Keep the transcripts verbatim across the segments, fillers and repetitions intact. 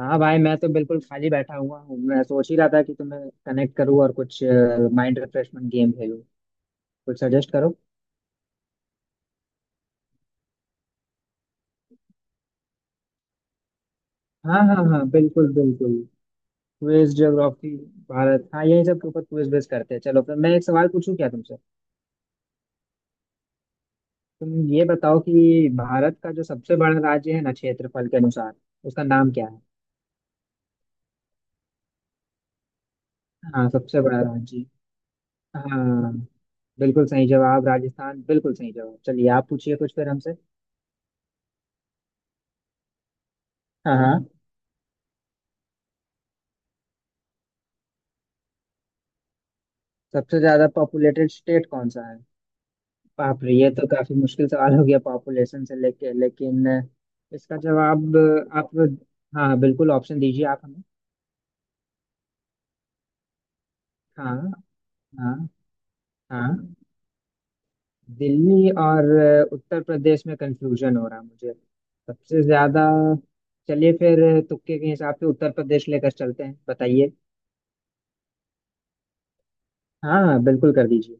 हाँ भाई, मैं तो बिल्कुल खाली बैठा हुआ हूँ। मैं सोच ही रहा था कि तुम्हें कनेक्ट करूँ और कुछ माइंड रिफ्रेशमेंट गेम खेलूँ। कुछ सजेस्ट करो। हाँ हाँ हाँ, बिल्कुल बिल्कुल। क्विज, ज्योग्राफी, भारत, हाँ यही सब के ऊपर क्विज बेस करते हैं। चलो फिर मैं एक सवाल पूछूं क्या तुमसे। तुम ये बताओ कि भारत का जो सबसे बड़ा राज्य है ना क्षेत्रफल के अनुसार, उसका नाम क्या है। हाँ, सबसे बड़ा राज्य। हाँ, बिल्कुल सही जवाब, राजस्थान, बिल्कुल सही जवाब। चलिए आप पूछिए कुछ फिर हमसे। हाँ हाँ। सबसे ज्यादा पॉपुलेटेड स्टेट कौन सा है। बाप रे, ये तो काफी मुश्किल सवाल हो गया पॉपुलेशन से लेके, लेकिन इसका जवाब। आप, हाँ बिल्कुल, ऑप्शन दीजिए आप हमें। हाँ हाँ हाँ। दिल्ली और उत्तर प्रदेश में कंफ्यूजन हो रहा है मुझे। सबसे ज्यादा। चलिए फिर, तुक्के के हिसाब से उत्तर प्रदेश लेकर चलते हैं, बताइए। हाँ हाँ, बिल्कुल कर दीजिए।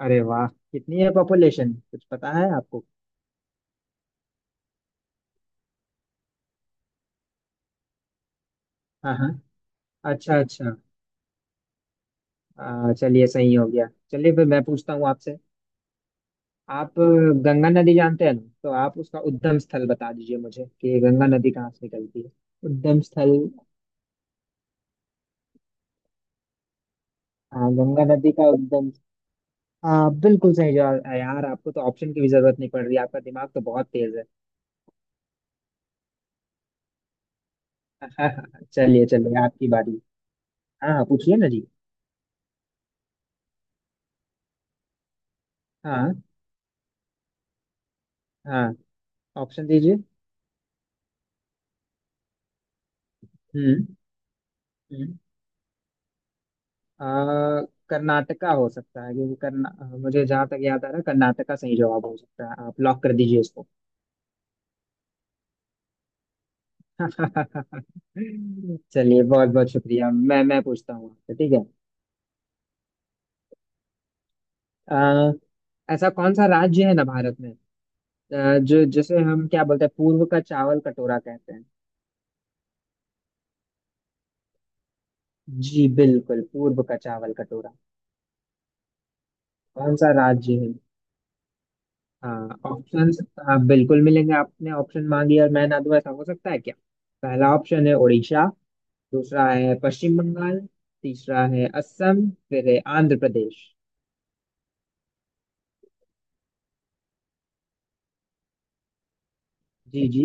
अरे वाह, कितनी है पॉपुलेशन, कुछ पता है आपको। हाँ हाँ, अच्छा अच्छा। आ, चलिए सही हो गया। चलिए फिर मैं पूछता हूँ आपसे। आप गंगा नदी जानते हैं ना, तो आप उसका उद्गम स्थल बता दीजिए मुझे कि गंगा नदी कहाँ से निकलती है। उद्गम स्थल। हाँ, गंगा नदी का उद्गम। हाँ बिल्कुल सही जवाब है यार। आपको तो ऑप्शन की भी जरूरत नहीं पड़ रही, आपका दिमाग तो बहुत तेज है। चलिए चलिए, आपकी बारी। हाँ हाँ, पूछिए ना जी। हाँ हाँ, ऑप्शन दीजिए। हम्म। हम्म। आ, कर्नाटका हो सकता है क्योंकि कर्ना, मुझे जहाँ तक याद आ रहा है कर्नाटका सही जवाब हो सकता है, आप लॉक कर दीजिए इसको। चलिए बहुत बहुत शुक्रिया। मैं मैं पूछता हूँ आपसे ठीक है। अ, ऐसा कौन सा राज्य है ना भारत में, अ, जो जिसे हम क्या बोलते हैं, पूर्व का चावल कटोरा कहते हैं। जी बिल्कुल, पूर्व का चावल कटोरा। कौन सा राज्य है। हाँ ऑप्शंस, हाँ बिल्कुल मिलेंगे। आपने ऑप्शन मांगी और मैं ना दूं, ऐसा हो सकता है क्या। पहला ऑप्शन है उड़ीसा, दूसरा है पश्चिम बंगाल, तीसरा है असम, फिर है आंध्र प्रदेश। जी जी।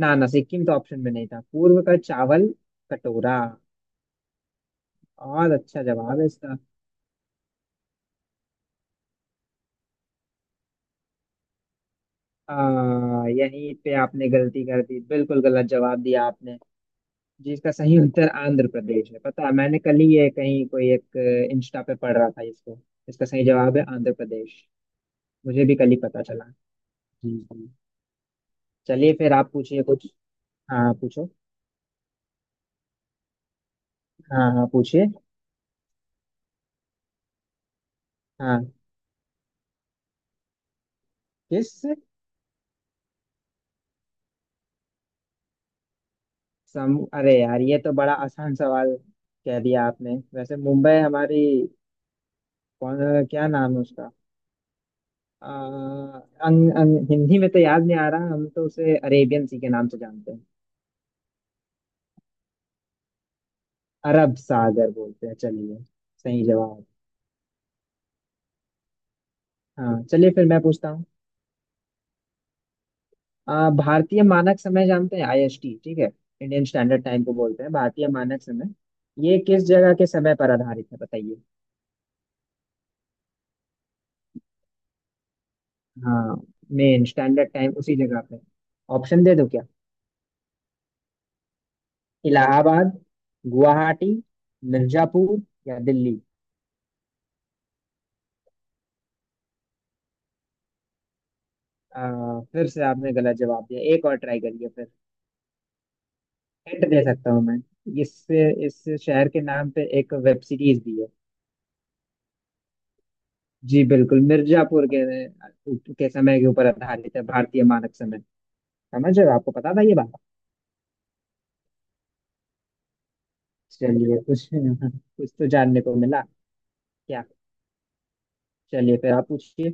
ना ना, सिक्किम तो ऑप्शन में नहीं था। पूर्व का चावल कटोरा, और अच्छा जवाब है इसका। आ, यहीं पे आपने गलती कर दी, बिल्कुल गलत जवाब दिया आपने, जिसका सही उत्तर आंध्र प्रदेश है। पता है मैंने कल ही ये कहीं कोई एक इंस्टा पे पढ़ रहा था इसको। इसका सही जवाब है आंध्र प्रदेश। मुझे भी कल ही पता चला। जी जी। चलिए फिर आप पूछिए कुछ। हाँ हाँ, पूछो। हाँ हाँ, पूछिए। हाँ, किस। सम अरे यार ये तो बड़ा आसान सवाल कह दिया आपने। वैसे मुंबई हमारी, कौन, क्या नाम है उसका। आ, अं, अं, हिंदी में तो याद नहीं आ रहा, हम तो उसे अरेबियन सी के नाम से जानते हैं। अरब सागर बोलते हैं, चलिए। सही जवाब। हाँ चलिए फिर मैं पूछता हूँ। आ, भारतीय मानक समय जानते हैं, आईएसटी, ठीक है। इंडियन स्टैंडर्ड टाइम को बोलते हैं भारतीय मानक समय। ये किस जगह के समय पर आधारित है बताइए। हाँ, मेन स्टैंडर्ड टाइम उसी जगह पे। ऑप्शन दे दो क्या। इलाहाबाद, गुवाहाटी, मिर्जापुर या दिल्ली। आ, फिर से आपने गलत जवाब दिया, एक और ट्राई करिए फिर। हिंट दे सकता हूँ मैं, इससे इस शहर के नाम पे एक वेब सीरीज भी है। जी बिल्कुल, मिर्जापुर के के समय के ऊपर आधारित है भारतीय मानक समय। समझ रहे हो, आपको पता था ये बात। चलिए कुछ कुछ तो जानने को मिला, क्या। चलिए फिर आप पूछिए।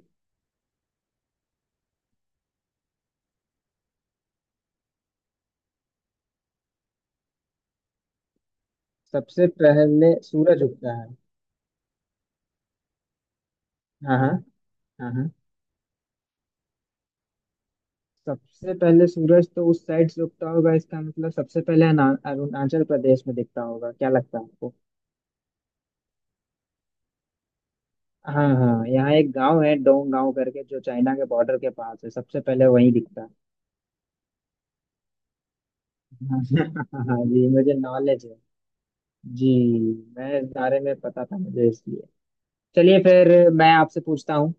सबसे पहले सूरज उगता है। हाँ हाँ। हाँ हाँ। सबसे पहले सूरज तो उस साइड से उगता होगा, इसका मतलब सबसे पहले अना- अरुणाचल प्रदेश में दिखता होगा, क्या लगता है आपको। हाँ हाँ, यहाँ एक गांव है डोंग गांव करके, जो चाइना के बॉर्डर के पास है, सबसे पहले वहीं दिखता है। हाँ जी, मुझे नॉलेज है। जी, मैं इस बारे में पता था मुझे इसलिए। चलिए फिर मैं आपसे पूछता हूँ,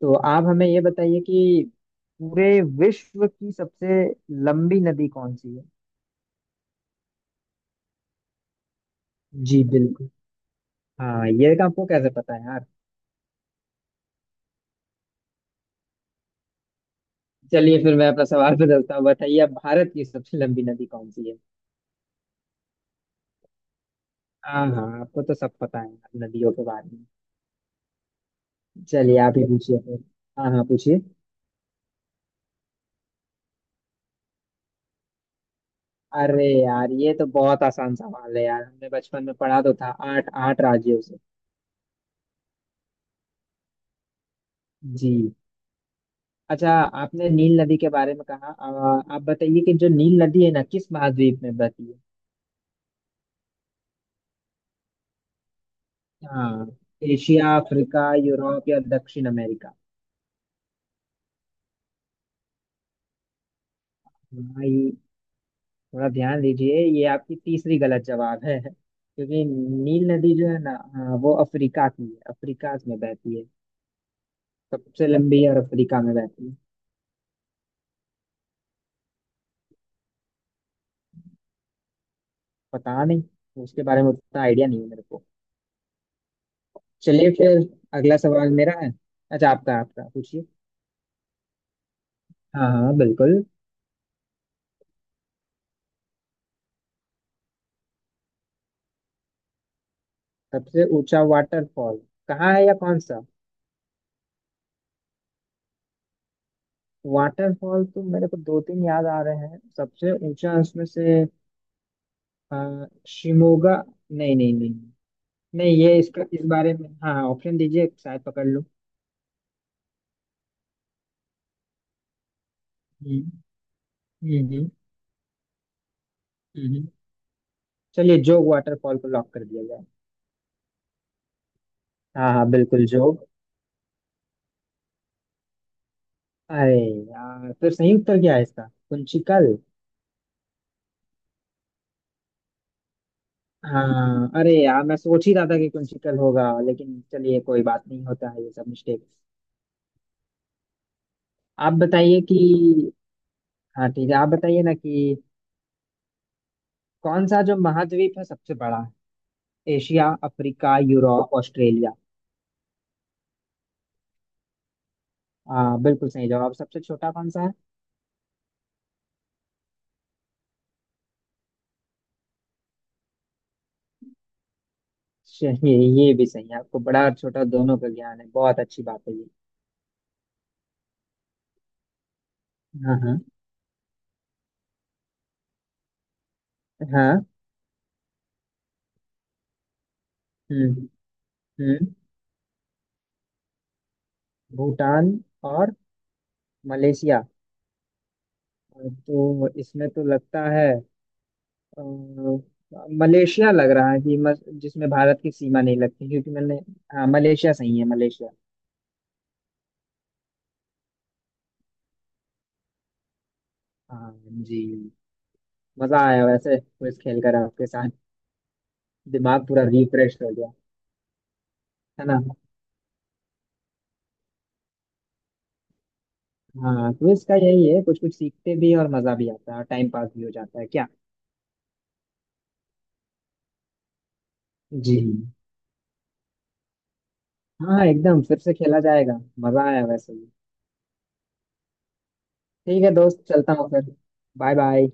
तो आप हमें ये बताइए कि पूरे विश्व की सबसे लंबी नदी कौन सी है। जी बिल्कुल। हाँ, ये आपको कैसे पता है यार। चलिए फिर मैं अपना सवाल बदलता हूँ, बताइए आप, भारत की सबसे लंबी नदी कौन सी है। हाँ हाँ, आपको तो सब पता है यार नदियों के बारे में। चलिए आप ही पूछिए फिर। हाँ हाँ पूछिए। अरे यार ये तो बहुत आसान सवाल है यार, हमने बचपन में पढ़ा तो था, आठ आठ राज्यों से। जी। अच्छा, आपने नील नदी के बारे में कहा, आ, आप बताइए कि जो नील नदी है ना, किस महाद्वीप में बहती है। हाँ, एशिया, अफ्रीका, यूरोप या दक्षिण अमेरिका। भाई, थोड़ा ध्यान दीजिए, ये आपकी तीसरी गलत जवाब है। क्योंकि नील नदी जो है ना, हाँ, वो अफ्रीका की है, अफ्रीका में बहती है, सबसे लंबी, और अफ्रीका में बहती है। पता नहीं, उसके बारे में उतना आइडिया नहीं है मेरे को। चलिए फिर, अगला सवाल मेरा है। अच्छा, आपका आपका पूछिए। हाँ हाँ बिल्कुल। सबसे ऊंचा वाटरफॉल कहाँ है या कौन सा। वाटरफॉल तो मेरे को दो तीन याद आ रहे हैं सबसे ऊंचा, उसमें से अ, शिमोगा, नहीं नहीं नहीं। नहीं ये इसका, इस बारे में हाँ हाँ ऑप्शन दीजिए, शायद पकड़ लूँ। हम्म। हम्म। हम्म। हम्म। चलिए जोग वाटरफॉल को लॉक कर दिया जाए। हाँ हाँ बिल्कुल, जोग। अरे यार, फिर सही उत्तर क्या है इसका, कुंचिकल। हाँ, अरे यार मैं सोच ही रहा था कि कुंचिकल होगा, लेकिन चलिए कोई बात नहीं, होता है ये सब मिस्टेक। आप बताइए कि, हाँ ठीक है, आप बताइए ना कि कौन सा जो महाद्वीप है सबसे बड़ा है, एशिया, अफ्रीका, यूरोप, ऑस्ट्रेलिया। हाँ बिल्कुल सही जवाब। सबसे छोटा कौन सा है। श- ये ये भी सही है, आपको बड़ा और छोटा दोनों का ज्ञान है, बहुत अच्छी बात है ये। हाँ हाँ। हाँ। हम्म। हम्म। भूटान और मलेशिया। तो इसमें तो लगता है अ, मलेशिया लग रहा है कि मस, जिसमें भारत की सीमा नहीं लगती, क्योंकि मैंने, हाँ मलेशिया सही है, मलेशिया। हाँ जी। मजा आया वैसे, क्विज खेल कर आपके साथ, दिमाग पूरा रिफ्रेश हो गया। है ना। हाँ, क्विज का यही है, कुछ कुछ सीखते भी हैं और मजा भी आता है, और टाइम पास भी हो जाता है, क्या। जी हाँ, एकदम फिर से खेला जाएगा, मजा आया वैसे भी। ठीक है दोस्त, चलता हूँ फिर, बाय बाय।